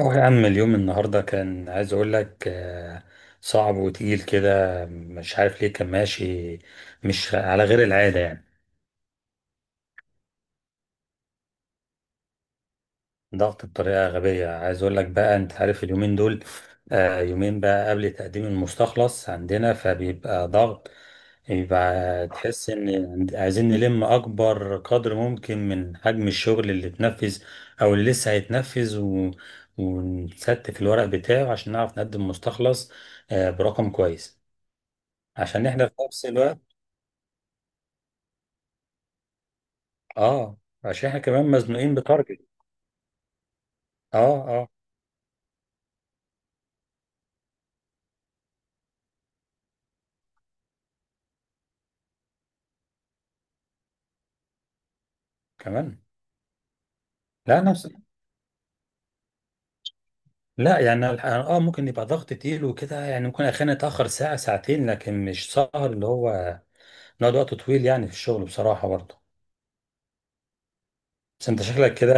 اه، يا عم اليوم النهاردة كان عايز اقول لك صعب وتقيل كده، مش عارف ليه كان ماشي مش على غير العادة يعني. ضغط بطريقة غبية، عايز اقول لك بقى، انت عارف اليومين دول. يومين بقى قبل تقديم المستخلص عندنا فبيبقى ضغط، بيبقى تحس ان عايزين نلم اكبر قدر ممكن من حجم الشغل اللي اتنفذ او اللي لسه هيتنفذ. ونستف الورق بتاعه عشان نعرف نقدم مستخلص برقم كويس. عشان احنا في نفس الوقت. اه. عشان احنا كمان مزنوقين بتارجت. اه. اه، كمان. لا، نفس. لا يعني ممكن يبقى ضغط تقيل وكده، يعني ممكن احيانا اتاخر ساعه ساعتين، لكن مش سهر اللي هو نقعد وقت طويل يعني في الشغل بصراحه برضه. بس انت شكلك كده.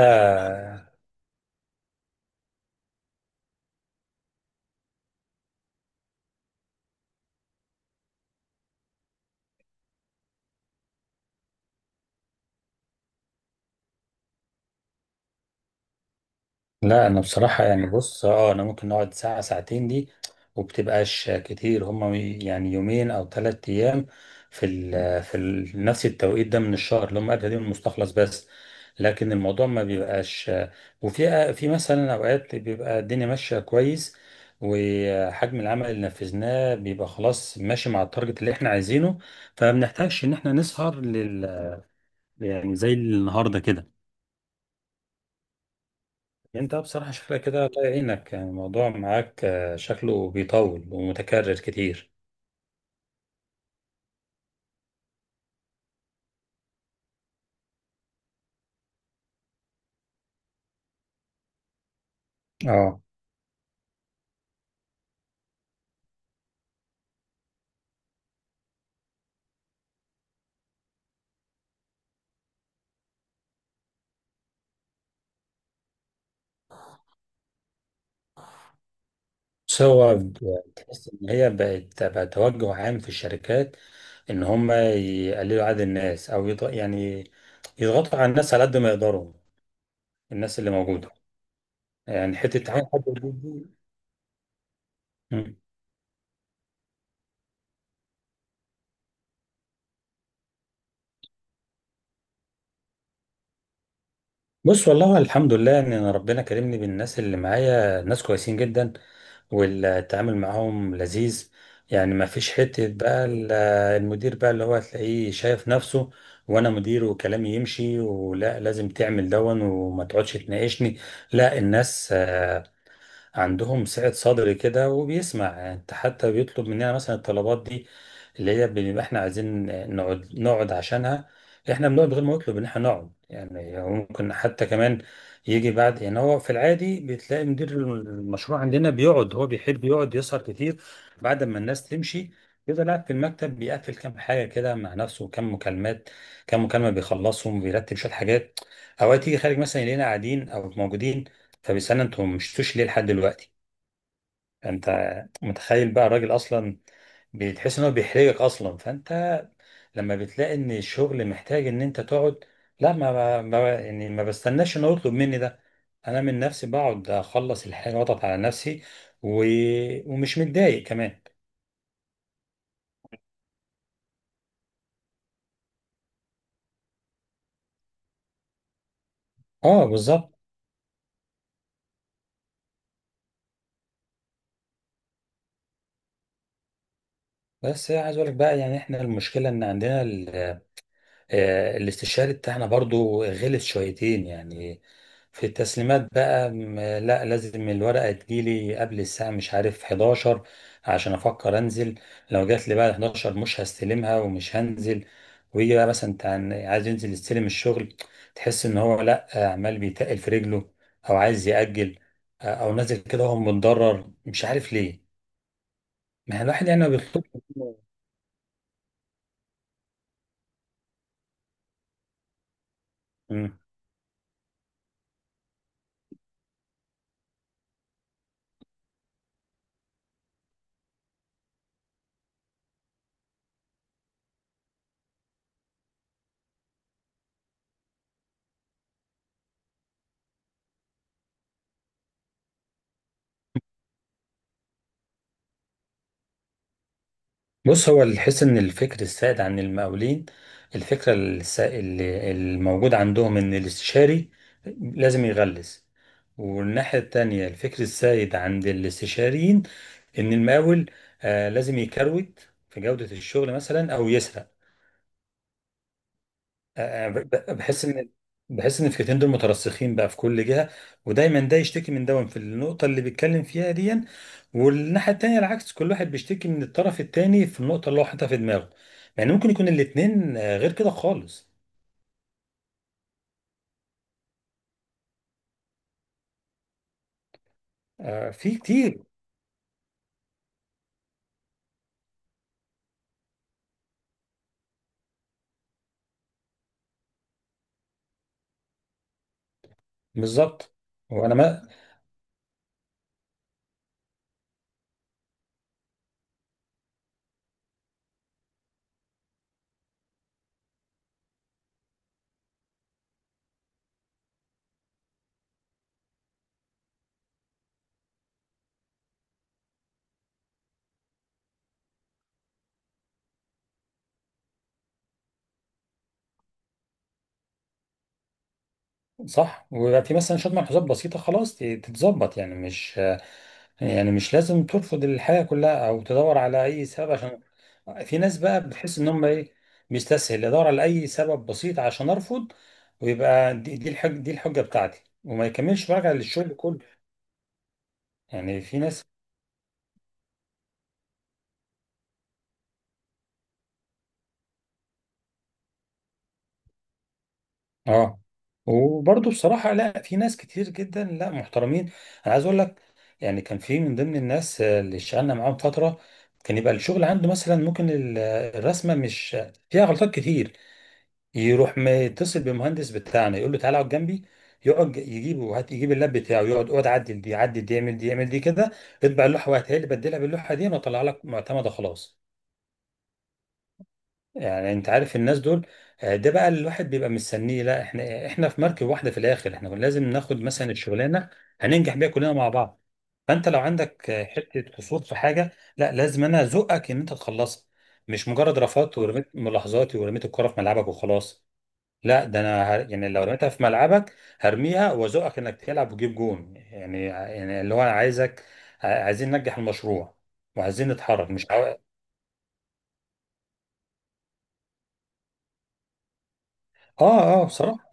لا انا بصراحة، يعني بص، انا ممكن نقعد ساعة ساعتين دي، وبتبقاش كتير، هما يعني يومين او 3 ايام في ال نفس التوقيت ده من الشهر، اللي هم قبل يوم المستخلص بس. لكن الموضوع ما بيبقاش. وفي مثلا اوقات بيبقى الدنيا ماشية كويس، وحجم العمل اللي نفذناه بيبقى خلاص ماشي مع التارجت اللي احنا عايزينه، فما بنحتاجش ان احنا نسهر لل، يعني زي النهارده كده. انت بصراحة شكلك كده الله يعينك، يعني الموضوع معاك شكله بيطول ومتكرر كتير. اه. بس هو تحس ان هي بقت بقى توجه عام في الشركات، ان هم يقللوا عدد الناس او يعني يضغطوا على الناس على قد ما يقدروا، الناس اللي موجودة. يعني حتة تعين حد جديد. مم. بص والله، الحمد لله ان انا ربنا كرمني بالناس اللي معايا، ناس كويسين جدا، والتعامل معاهم لذيذ. يعني ما فيش حتة بقى المدير بقى اللي هو هتلاقيه شايف نفسه، وانا مدير وكلامي يمشي ولا لازم تعمل دون وما تقعدش تناقشني. لا، الناس عندهم سعة صدر كده وبيسمع، انت حتى بيطلب مننا مثلا الطلبات دي اللي هي بنبقى احنا عايزين نقعد عشانها. احنا بنقعد من غير ما يطلب ان احنا نقعد، يعني هو ممكن حتى كمان يجي بعد. يعني هو في العادي بتلاقي مدير المشروع عندنا بيقعد، هو بيحب يقعد يسهر كتير بعد ما الناس تمشي، يفضل قاعد في المكتب بيقفل كام حاجة كده مع نفسه، كام مكالمات، كام مكالمة بيخلصهم، بيرتب شوية حاجات. أوقات يجي خارج مثلا يلاقينا قاعدين أو موجودين، طب استنى انتوا مشتوش ليه لحد دلوقتي؟ انت متخيل بقى الراجل اصلا، بتحس ان هو بيحرجك اصلا، فانت لما بتلاقي ان الشغل محتاج ان انت تقعد، لا، يعني ما بستناش ان هو يطلب مني ده، انا من نفسي بقعد اخلص الحاجه واضغط على نفسي و... ومش متضايق كمان. اه، بالظبط. بس عايز اقول لك بقى، يعني احنا المشكله ان عندنا الاستشاري بتاعنا برضو غلس شويتين يعني. في التسليمات بقى لا لازم الورقة تجيلي قبل الساعة مش عارف 11 عشان أفكر أنزل. لو جات لي بعد 11 مش هستلمها ومش هنزل. ويجي بقى مثلا انت عايز ينزل يستلم الشغل، تحس إن هو، لا عمال بيتقل في رجله، أو عايز يأجل أو نازل كده وهو متضرر مش عارف ليه. ما هي الواحد يعني ما بيطلبش. بص، هو الحس ان الفكر السائد عن المقاولين، اللي الموجود عندهم ان الاستشاري لازم يغلس، والناحيه التانيه الفكر السائد عند الاستشاريين ان المقاول لازم يكروت في جوده الشغل مثلا او يسرق. بحس ان، بحس ان الفكرتين دول مترسخين بقى في كل جهه، ودايما ده يشتكي من ده في النقطه اللي بيتكلم فيها دي، والناحيه التانيه العكس، كل واحد بيشتكي من الطرف التاني في النقطه اللي هو حاططها في دماغه. يعني ممكن يكون الاتنين غير كده خالص. آه، في كتير. بالظبط. وانا. صح، ويبقى في مثلا شوية ملحوظات بسيطة خلاص تتظبط، يعني مش لازم ترفض الحياة كلها أو تدور على أي سبب عشان. في ناس بقى بتحس إن هم إيه، بيستسهل يدور على أي سبب بسيط عشان أرفض، ويبقى دي الحجة بتاعتي وما يكملش بقى للشغل كله. يعني في ناس. اه وبرضه بصراحة، لا، في ناس كتير جدا، لا محترمين. انا عايز اقول لك، يعني كان في من ضمن الناس اللي اشتغلنا معاهم فترة، كان يبقى الشغل عنده مثلا ممكن الرسمة مش فيها غلطات كتير، يروح متصل بالمهندس بتاعنا يقول له تعالى اقعد جنبي، يقعد يجيبه، هات، يجيب اللاب بتاعه، يقعد، اقعد عدل دي، عدل دي، اعمل دي، اعمل دي كده، اطبع اللوحة وهاتها لي، بدلها باللوحة دي واطلع لك معتمدة خلاص. يعني انت عارف الناس دول، ده بقى اللي الواحد بيبقى مستنيه. لا احنا في مركب واحده في الاخر، احنا كنا لازم ناخد مثلا الشغلانه هننجح بيها كلنا مع بعض. فانت لو عندك حته قصور في حاجه، لا لازم انا ازقك ان انت تخلصها، مش مجرد رفضت ورميت ملاحظاتي ورميت الكره في ملعبك وخلاص. لا، ده انا، يعني لو رميتها في ملعبك هرميها وازقك انك تلعب وتجيب جون، يعني اللي هو انا عايزك، عايزين ننجح المشروع، وعايزين نتحرك مش. اه. اه، بصراحه.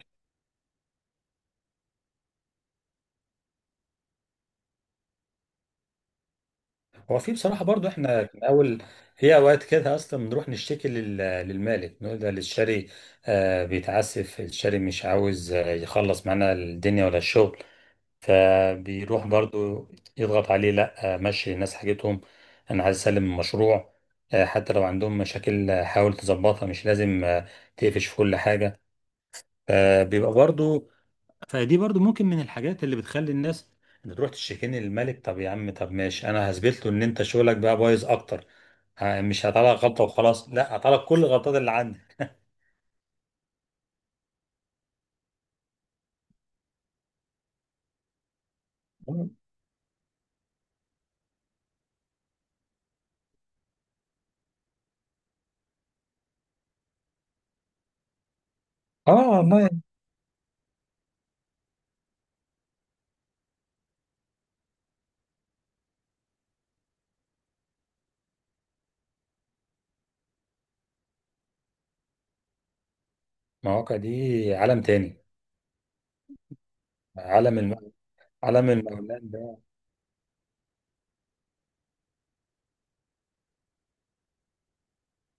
هو في بصراحة برضو احنا من أول، في أوقات كده أصلا بنروح نشتكي للمالك، نقول ده الشاري بيتعسف، الشاري مش عاوز يخلص معانا الدنيا ولا الشغل. فبيروح برضو يضغط عليه، لا مشي الناس حاجتهم، أنا عايز أسلم المشروع حتى لو عندهم مشاكل حاول تظبطها، مش لازم تقفش في كل حاجة. فبيبقى برضو. فدي برضو ممكن من الحاجات اللي بتخلي الناس، انت تروح تشتكيني للملك، طب يا عم، طب ماشي، انا هثبت له ان انت شغلك بقى بايظ اكتر، مش هطلع غلطه وخلاص، لا هطلع كل الغلطات اللي عندك. اه والله. المواقع دي عالم تاني. عالم الم... عالم المولان ده.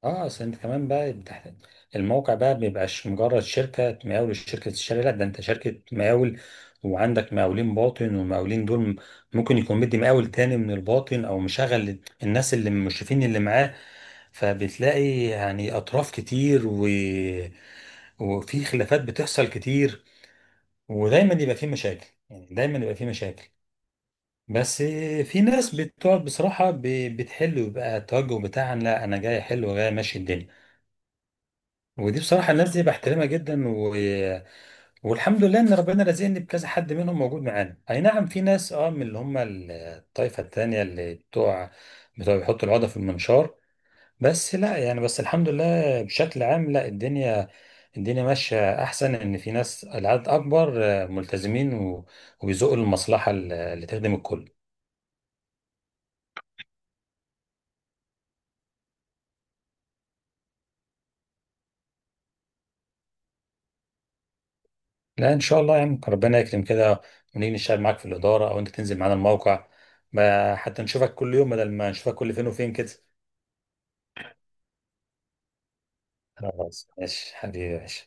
اه اصل انت كمان بقى. الموقع بقى بيبقاش مجرد شركة مقاول شركة الشارع، لا ده انت شركة مقاول وعندك مقاولين باطن، والمقاولين دول ممكن يكون مدي مقاول تاني من الباطن، او مشغل الناس اللي المشرفين اللي معاه. فبتلاقي يعني اطراف كتير، وفي خلافات بتحصل كتير، ودايما يبقى في مشاكل، يعني دايما يبقى في مشاكل. بس في ناس بتقعد بصراحة بتحل، ويبقى التوجه بتاعها لا انا جاي احل وجاي ماشي الدنيا. ودي بصراحة الناس دي بحترمها جدا. والحمد لله إن ربنا رزقني بكذا حد منهم موجود معانا. أي نعم، في ناس من اللي هم الطائفة التانية، اللي بتوع بيحطوا العقدة في المنشار. بس لا يعني، بس الحمد لله بشكل عام، لا الدنيا ماشية أحسن، إن في ناس العدد أكبر، ملتزمين، وبيزقوا المصلحة اللي تخدم الكل. لا إن شاء الله، يعني ربنا يكرم كده ونيجي نشتغل معاك في الإدارة، أو أنت تنزل معانا الموقع، حتى نشوفك كل يوم بدل ما نشوفك كل فين وفين كده. خلاص ماشي حبيبي يا باشا.